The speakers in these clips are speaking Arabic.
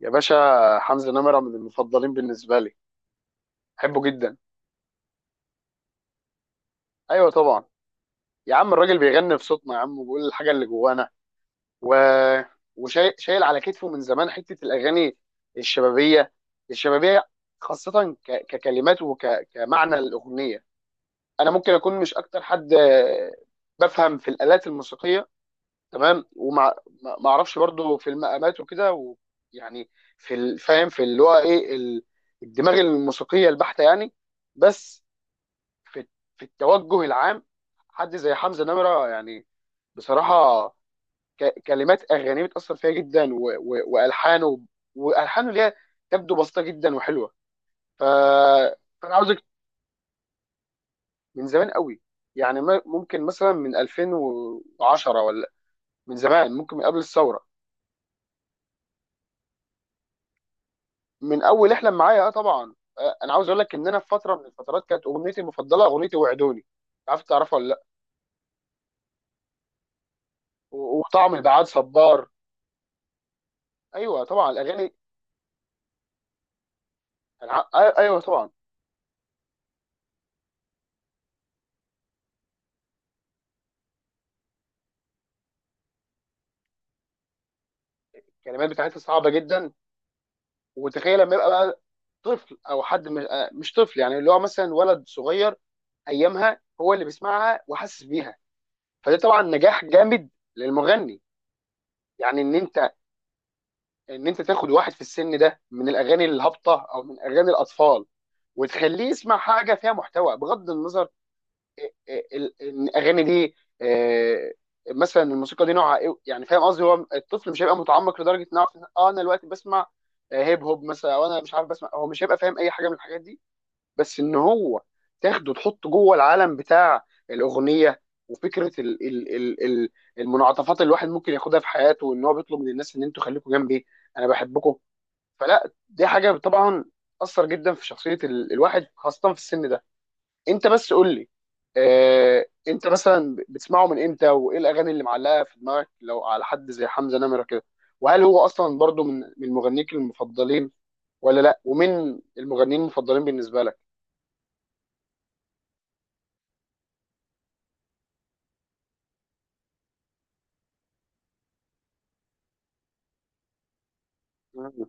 يا باشا حمزة نمرة من المفضلين بالنسبة لي. بحبه جدا. ايوه طبعا. يا عم الراجل بيغني في صوتنا يا عم، وبيقول الحاجة اللي جوانا و... وشايل على كتفه من زمان حتة الاغاني الشبابية. الشبابية، خاصة ككلمات وكمعنى الاغنية. انا ممكن اكون مش اكتر حد بفهم في الالات الموسيقية، تمام، وما ما ما اعرفش برضو في المقامات وكده ويعني في الفاهم في اللي هو ايه الدماغ الموسيقية البحتة يعني. بس في في التوجه العام، حد زي حمزة نمرة يعني، بصراحة، كلمات أغانيه بتأثر فيها جدا و وألحانه وألحانه ليها تبدو بسيطة جدا وحلوة. ف... فأنا عاوزك. من زمان قوي يعني ممكن مثلا من 2010، ولا من زمان، ممكن من قبل الثورة، من أول احلم معايا. اه طبعا. أنا عاوز أقول لك إن أنا في فترة من الفترات كانت أغنيتي المفضلة أغنيتي وعدوني. عارف تعرفها ولا لأ؟ وطعم البعاد صبار. أيوه طبعا الأغاني. أنا ع- آه، أيوه طبعا. الكلمات بتاعتها صعبه جدا. وتخيل لما يبقى بقى طفل او حد مش طفل، يعني اللي هو مثلا ولد صغير ايامها هو اللي بيسمعها وحاسس بيها. فده طبعا نجاح جامد للمغني. يعني ان انت تاخد واحد في السن ده من الاغاني الهابطه او من اغاني الاطفال وتخليه يسمع حاجه فيها محتوى، بغض النظر، الاغاني دي آه، مثلا الموسيقى دي نوعها ايه، يعني فاهم قصدي. هو الطفل مش هيبقى متعمق لدرجه انه يعرف إن اه انا دلوقتي بسمع هيب هوب مثلا، او انا مش عارف بسمع. هو مش هيبقى فاهم اي حاجه من الحاجات دي، بس ان هو تاخده تحطه جوه العالم بتاع الاغنيه، وفكره ال ال ال ال المنعطفات اللي الواحد ممكن ياخدها في حياته، وان هو بيطلب من الناس ان انتوا خليكم جنبي، انا بحبكم. فلا، دي حاجه طبعا اثر جدا في شخصيه الواحد خاصه في السن ده. انت بس قول لي، انت مثلا بتسمعه من امتى، وايه الاغاني اللي معلقه في دماغك لو على حد زي حمزة نمرة كده، وهل هو اصلا برضو من مغنيك المفضلين ولا لا؟ ومين المغنيين المفضلين بالنسبه لك؟ مم.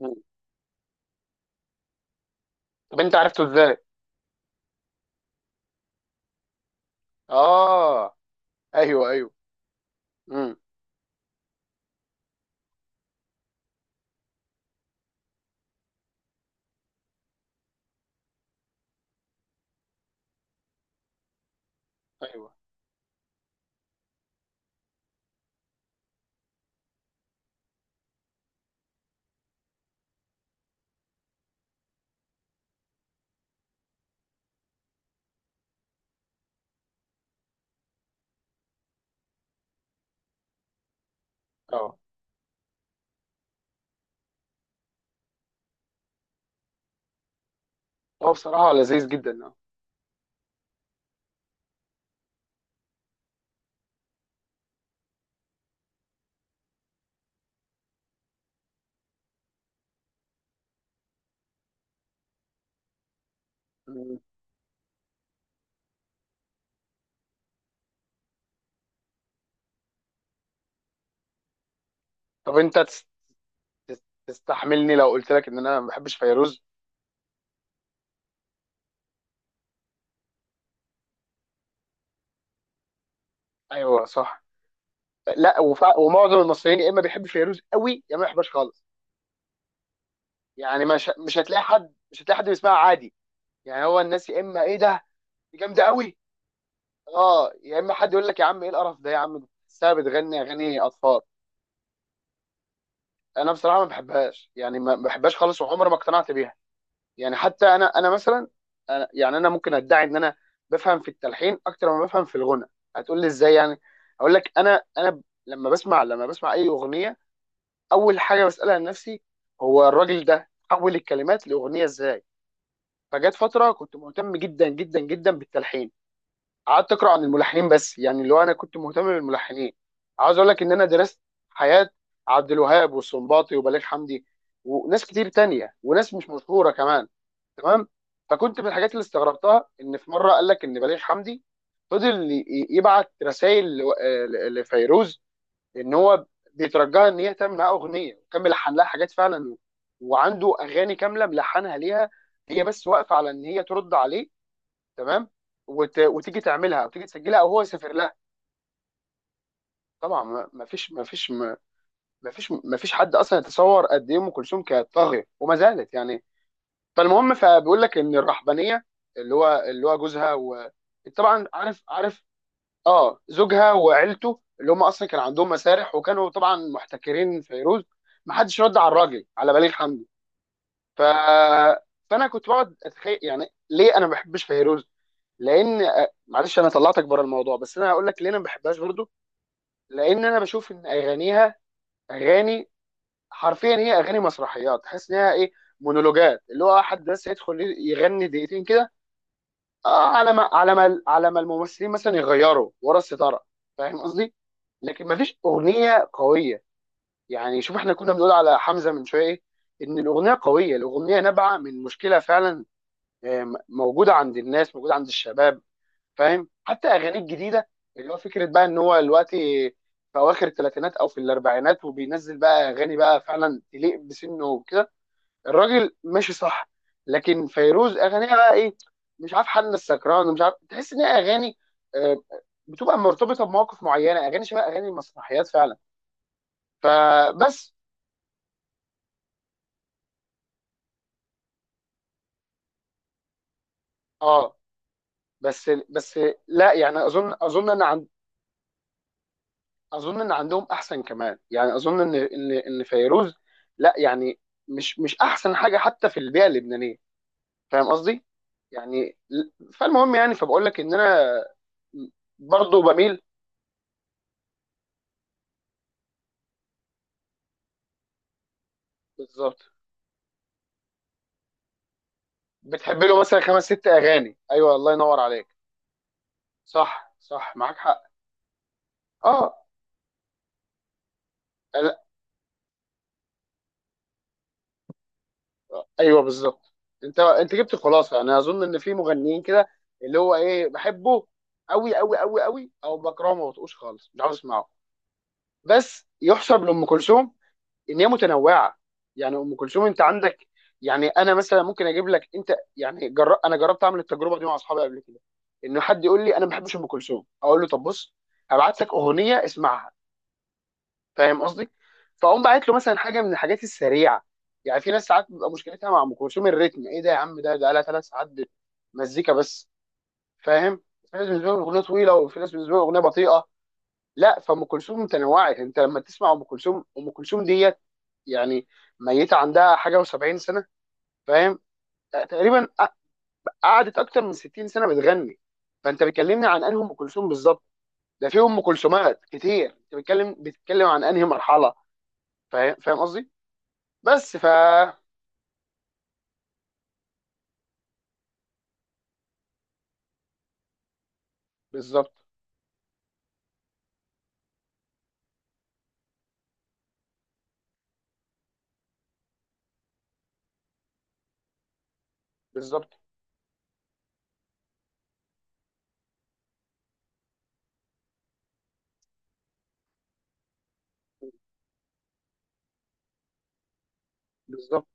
مم. طب انت عرفته ازاي؟ اه. ايوه ايوه. امم. ايوه. اه، هو بصراحه لذيذ جدا اه. مم. طب انت تستحملني لو قلت لك ان انا ما بحبش فيروز؟ ايوه صح. لا، ومعظم المصريين يا اما بيحب فيروز قوي يا ما بيحبش خالص. يعني مش هتلاقي حد، مش هتلاقي حد بيسمعها عادي، يعني هو الناس يا اما ايه ده. دي جامده قوي. اه، يا اما حد يقول لك يا عم ايه القرف ده يا عم، دي بتحسها بتغني اغاني اطفال. انا بصراحه ما بحبهاش، يعني ما بحبهاش خالص وعمري ما اقتنعت بيها. يعني حتى انا مثلا، أنا يعني انا ممكن ادعي ان انا بفهم في التلحين اكتر ما بفهم في الغنى. هتقول لي ازاي يعني؟ اقول لك انا لما بسمع اي اغنيه، اول حاجه بسالها لنفسي هو الراجل ده حول الكلمات لاغنيه ازاي. فجت فتره كنت مهتم جدا جدا جدا بالتلحين، قعدت اقرا عن الملحنين، بس يعني اللي هو انا كنت مهتم بالملحنين. عاوز اقول لك ان انا درست حياه عبد الوهاب والسنباطي وبليغ حمدي وناس كتير تانية، وناس مش مشهوره كمان. تمام. فكنت من الحاجات اللي استغربتها ان في مره قال لك ان بليغ حمدي فضل يبعت رسائل لفيروز ان هو بيترجاها ان هي تعمل معاه اغنيه، وكمل لحن لها حاجات فعلا، وعنده اغاني كامله ملحنها ليها، هي بس واقفه على ان هي ترد عليه. تمام. وتيجي تعملها او تيجي تسجلها او هو يسافر لها. طبعا ما فيش حد اصلا يتصور قد ايه ام كلثوم كانت طاغيه وما زالت يعني. فالمهم، فبيقول لك ان الرحبانيه، اللي هو جوزها طبعا عارف عارف، اه زوجها وعيلته اللي هم اصلا كان عندهم مسارح وكانوا طبعا محتكرين فيروز، ما حدش رد على الراجل على بليغ حمدي. ف فانا كنت بقعد اتخيل يعني ليه انا ما بحبش فيروز. لان معلش انا طلعتك بره الموضوع، بس انا هقول لك ليه انا ما بحبهاش برضو. لان انا بشوف ان اغانيها اغاني، حرفيا هي اغاني مسرحيات. تحس انها ايه، مونولوجات اللي هو حد بس يدخل يغني دقيقتين كده، اه، على ما على ما الممثلين مثلا يغيروا ورا الستاره. فاهم قصدي؟ لكن ما فيش اغنيه قويه. يعني شوف احنا كنا بنقول على حمزه من شويه إيه؟ ان الاغنيه قويه، الاغنيه نابعه من مشكله فعلا، موجوده عند الناس، موجوده عند الشباب، فاهم؟ حتى اغانيه الجديده، اللي هو فكره بقى ان هو دلوقتي في اواخر الثلاثينات او في الاربعينات وبينزل بقى اغاني بقى فعلا تليق بسنه وكده، الراجل ماشي صح. لكن فيروز اغانيها بقى ايه، مش عارف حل السكران ومش عارف، تحس ان هي اغاني آه، بتبقى مرتبطه بمواقف معينه، اغاني شبه اغاني المسرحيات فعلا. فبس اه، بس بس. لا يعني، اظن ان عن، اظن ان عندهم احسن كمان، يعني اظن ان فيروز، لا يعني، مش احسن حاجه حتى في البيئه اللبنانيه. فاهم قصدي؟ يعني فالمهم يعني فبقول لك ان انا برضه بميل. بالظبط. بتحب له مثلا خمس ست اغاني، ايوه الله ينور عليك. صح صح معاك حق اه. لا، ايوه بالظبط. انت جبت الخلاصه. يعني انا اظن ان في مغنيين كده اللي هو ايه بحبه قوي قوي قوي قوي، او بكرهه ما بطقوش خالص، مش عاوز اسمعه. بس يحسب لام كلثوم ان هي متنوعه. يعني ام كلثوم انت عندك، يعني انا مثلا ممكن اجيب لك، انت يعني انا جربت اعمل التجربه دي مع اصحابي قبل كده. ان حد يقول لي انا ما بحبش ام كلثوم، اقول له طب بص، هبعت لك اغنيه اسمعها. فاهم قصدي. فاقوم باعت له مثلا حاجه من الحاجات السريعه. يعني في ناس ساعات بتبقى مشكلتها مع ام كلثوم الريتم، ايه ده يا عم، ده لها 3 ساعات مزيكا بس، فاهم. في ناس بالنسبه لهم الاغنيه طويله، وفي ناس بالنسبه لهم الاغنيه بطيئه. لا، فام كلثوم متنوعه. انت لما تسمع ام كلثوم، ام كلثوم ديت يعني، ميته عندها حاجه و70 سنه، فاهم، تقريبا. قعدت اكتر من 60 سنه بتغني. فانت بتكلمني عن انهي ام كلثوم بالظبط؟ ده في ام كلثومات كتير، انت بتتكلم عن انهي مرحله، فاهم قصدي. بس ف بالظبط. بالظبط. بالظبط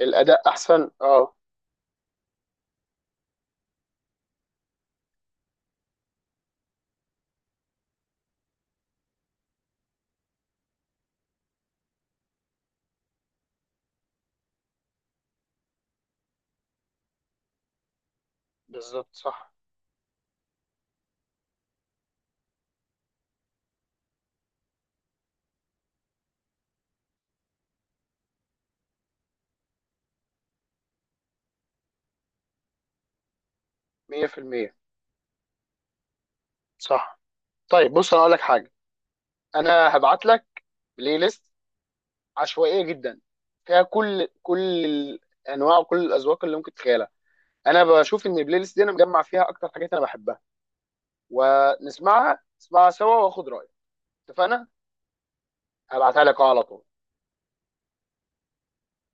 الاداء احسن اه. بالظبط صح. 100% صح. طيب بص انا اقول لك حاجه. انا هبعت لك بلاي ليست عشوائيه جدا، فيها كل الانواع وكل الاذواق اللي ممكن تتخيلها. انا بشوف ان البلاي ليست دي انا مجمع فيها اكتر حاجات انا بحبها، ونسمعها، نسمعها سوا واخد رايك. اتفقنا؟ هبعتها لك أهو على طول.